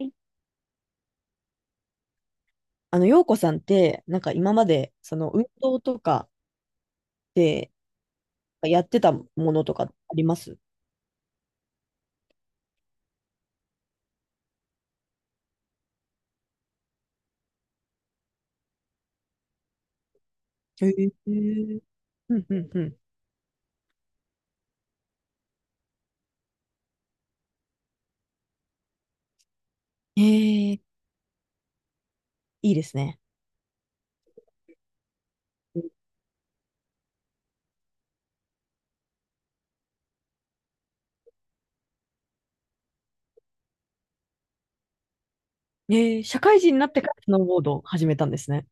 いあの、陽子さんって、なんか今まで、その運動とかでやってたものとかあります？へえ。うんうんうん。ええ、いいですね。ええ、社会人になってからスノーボードを始めたんですね。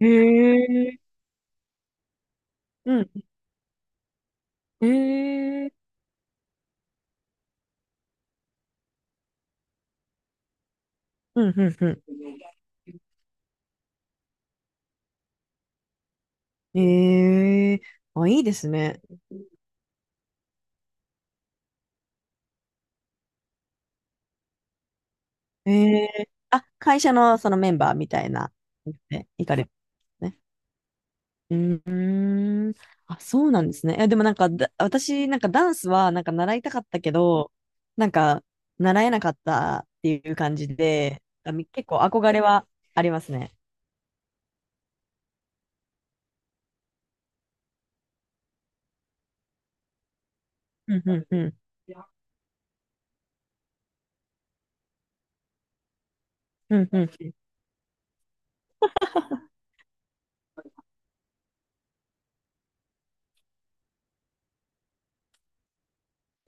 へえ。うん。ええ。うんうんうん。ええ。あ、いいですね。ええ。あ、会社のそのメンバーみたいな、行かれるんですね。うーん。あ、そうなんですね。いや、でもなんかだ、私、なんかダンスは、なんか習いたかったけど、なんか、習えなかったっていう感じで、あみ結構憧れはありますね。うんうんうん。うんうん。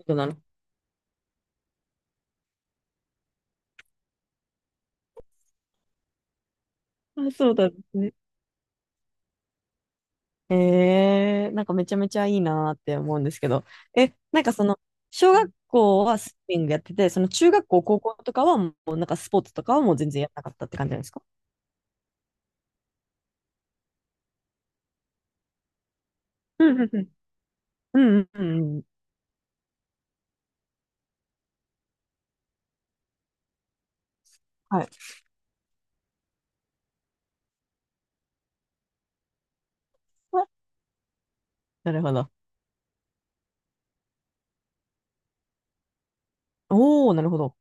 そうなの。あ、そうなんですね。ええなんかめちゃめちゃいいなーって思うんですけど。え、なんかその、小学校はスイミングやってて、その中学校、高校とかはもうなんかスポーツとかはもう全然やらなかったって感じなんですか？うんうんうん。うんうんうんうん。はい。なるほど。おー、なるほど。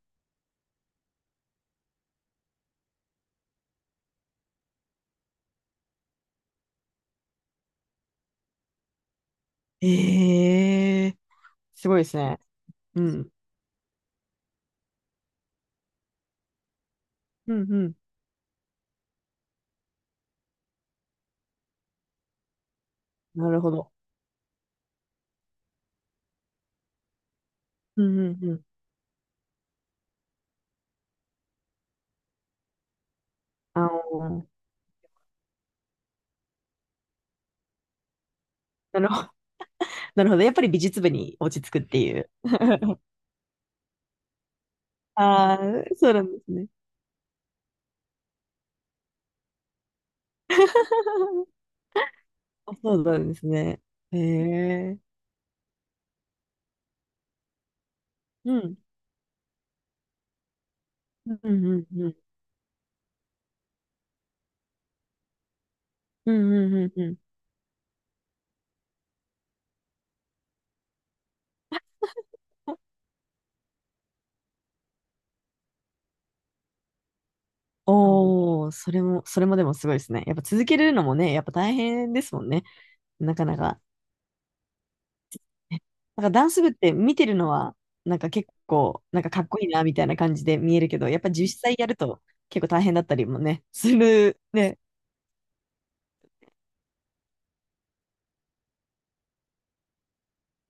ええー、すごいですね。うん。うんうん。なるほど。うんうんうん。あの、なるほど。なるほど。やっぱり美術部に落ち着くっていう。ああ、そうなんですね。あそうなんですね。ええ、うん。うんうんうん。うんうんうんうん。おおー、それも、それもでもすごいですね。やっぱ続けるのもね、やっぱ大変ですもんね。なかなか。なんかダンス部って見てるのは、なんか結構、なんかかっこいいなみたいな感じで見えるけど、やっぱ実際やると結構大変だったりもね、するね。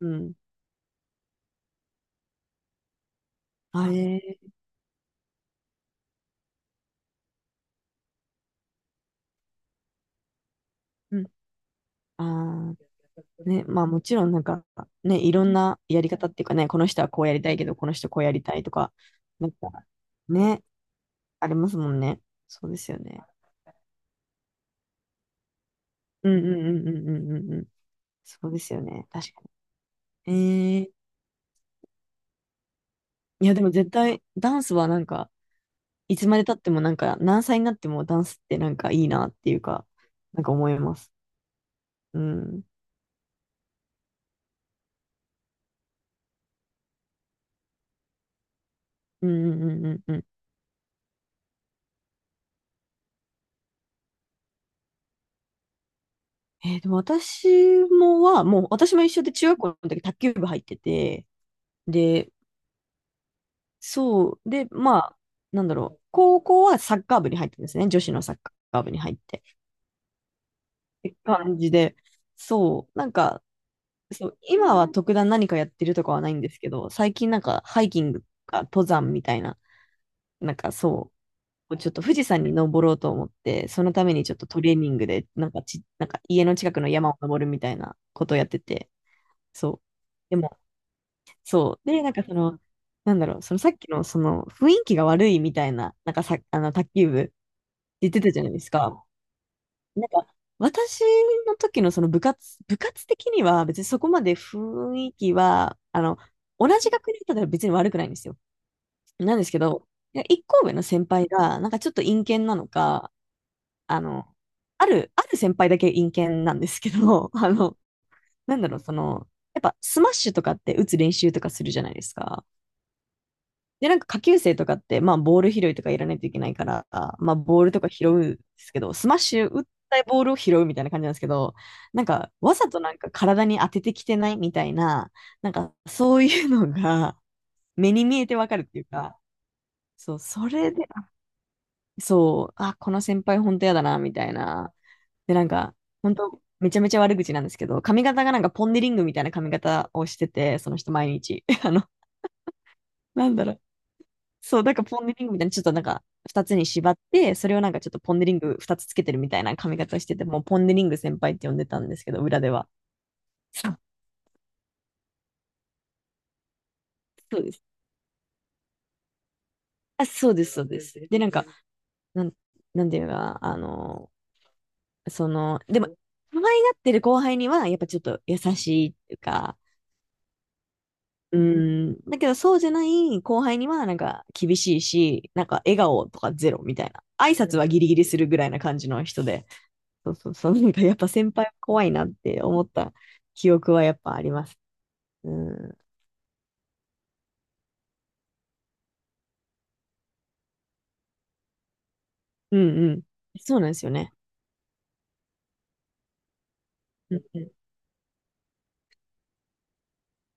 うん。あえー、うん。あー、ね、まあもちろんなんかね、いろんなやり方っていうかね、この人はこうやりたいけど、この人こうやりたいとか、なんかね、ありますもんね。そうですよね。うんうんうんうんうんうんうん。そうですよね。確かに。えー、いやでも絶対ダンスはなんか、いつまで経ってもなんか何歳になってもダンスってなんかいいなっていうか、なんか思います。うん。うんうんうんうんうん。えーでも私もは、もう私も一緒で中学校の時卓球部入ってて、で、そう、で、まあ、なんだろう、高校はサッカー部に入ってですね、女子のサッカー部に入って、って感じで、そう、なんか、そう、今は特段何かやってるとかはないんですけど、最近なんかハイキングとか登山みたいな、なんかそう、ちょっと富士山に登ろうと思って、そのためにちょっとトレーニングで、なんかち、なんか家の近くの山を登るみたいなことをやってて、そう。でも、そう。で、なんかその、なんだろう、そのさっきのその雰囲気が悪いみたいな、なんかさ、あの、卓球部言ってたじゃないですか。なんか、私の時のその部活、部活的には別にそこまで雰囲気は、あの、同じ学年だったら別に悪くないんですよ。なんですけど、いや一校上の先輩が、なんかちょっと陰険なのか、あの、ある先輩だけ陰キャなんですけど、あの、なんだろう、その、やっぱスマッシュとかって打つ練習とかするじゃないですか。で、なんか下級生とかって、まあボール拾いとかやらないといけないから、まあボールとか拾うんですけど、スマッシュ打ったボールを拾うみたいな感じなんですけど、なんかわざとなんか体に当ててきてないみたいな、なんかそういうのが目に見えてわかるっていうか、そう、それでそう、あ、この先輩本当やだな、みたいな。で、なんか、本当めちゃめちゃ悪口なんですけど、髪型がなんかポンデリングみたいな髪型をしてて、その人毎日。あの、なんだろう。そう、なんかポンデリングみたいな、ちょっとなんか、二つに縛って、それをなんかちょっとポンデリング二つつけてるみたいな髪型をしてて、もうポンデリング先輩って呼んでたんですけど、裏では。そう、そうです。あ、そうです、そうです。で、なんか、なん、なんていうか、あの、その、でも、可愛がってる後輩には、やっぱちょっと優しいっていうか、うん。だけど、そうじゃない後輩には、なんか、厳しいし、なんか、笑顔とかゼロみたいな。挨拶はギリギリするぐらいな感じの人で。そうそうそう。なんか、やっぱ先輩は怖いなって思った記憶はやっぱあります。うん。うんうん。そうなんですよね。うんうん。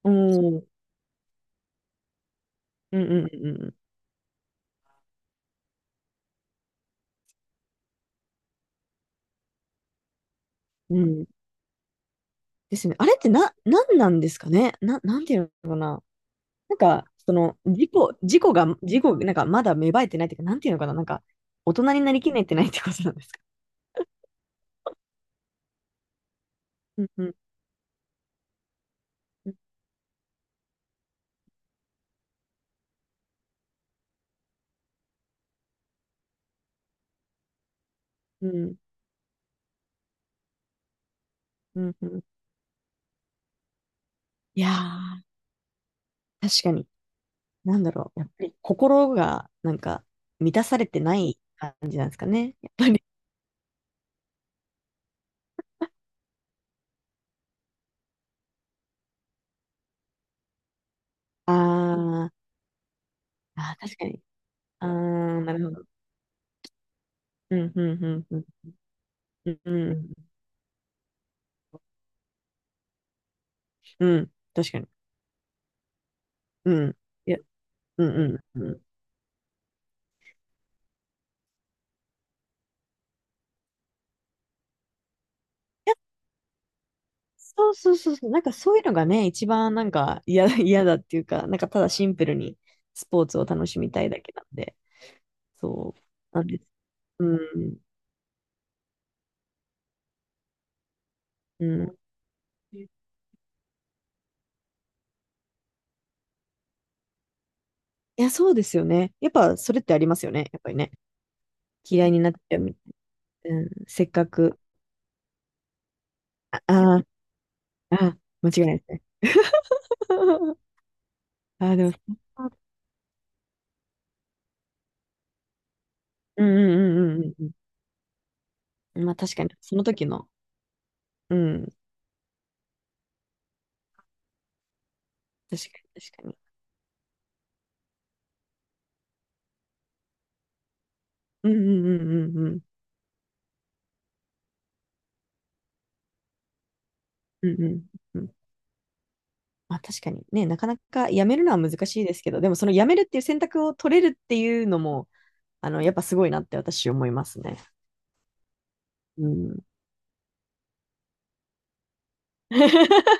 おー、うんうんうんうん。うん。ですね。あれってな、なんなんですかね。なんていうのかな。なんか、その、事故、事故が、事故、なんか、まだ芽生えてないっていうか、なんていうのかな。なんか、大人になりきれてないってことなんですか。うんうんうん、うん、うん。いやー、確かに。なんだろう。やっぱり心がなんか満たされてない感じなんですかね。やっぱり。あー、あー、確かに。あー、なるほど。うん、うん、うん、うん、うん、うん、うん、確かに。うん。いや、うん、うん、うん。いや、そうそうそうそう。なんかそういうのがね、一番なんか嫌だ、嫌だっていうか、なんかただシンプルにスポーツを楽しみたいだけなんで。そう。なんです。うん、うん。いや、そうですよね。やっぱ、それってありますよね。やっぱりね。嫌いになっちゃうみ。うん、せっかく。ああー、あー、間違いないですね。ああ、でも、うんうんうんうんうんうん。まあ、確かに、その時の。うん。確かに、確かに。うんうんうんうんうん。うんうんうん。まあ、確かにね、なかなかやめるのは難しいですけど、でも、そのやめるっていう選択を取れるっていうのも、あの、やっぱすごいなって私思いますね。うん。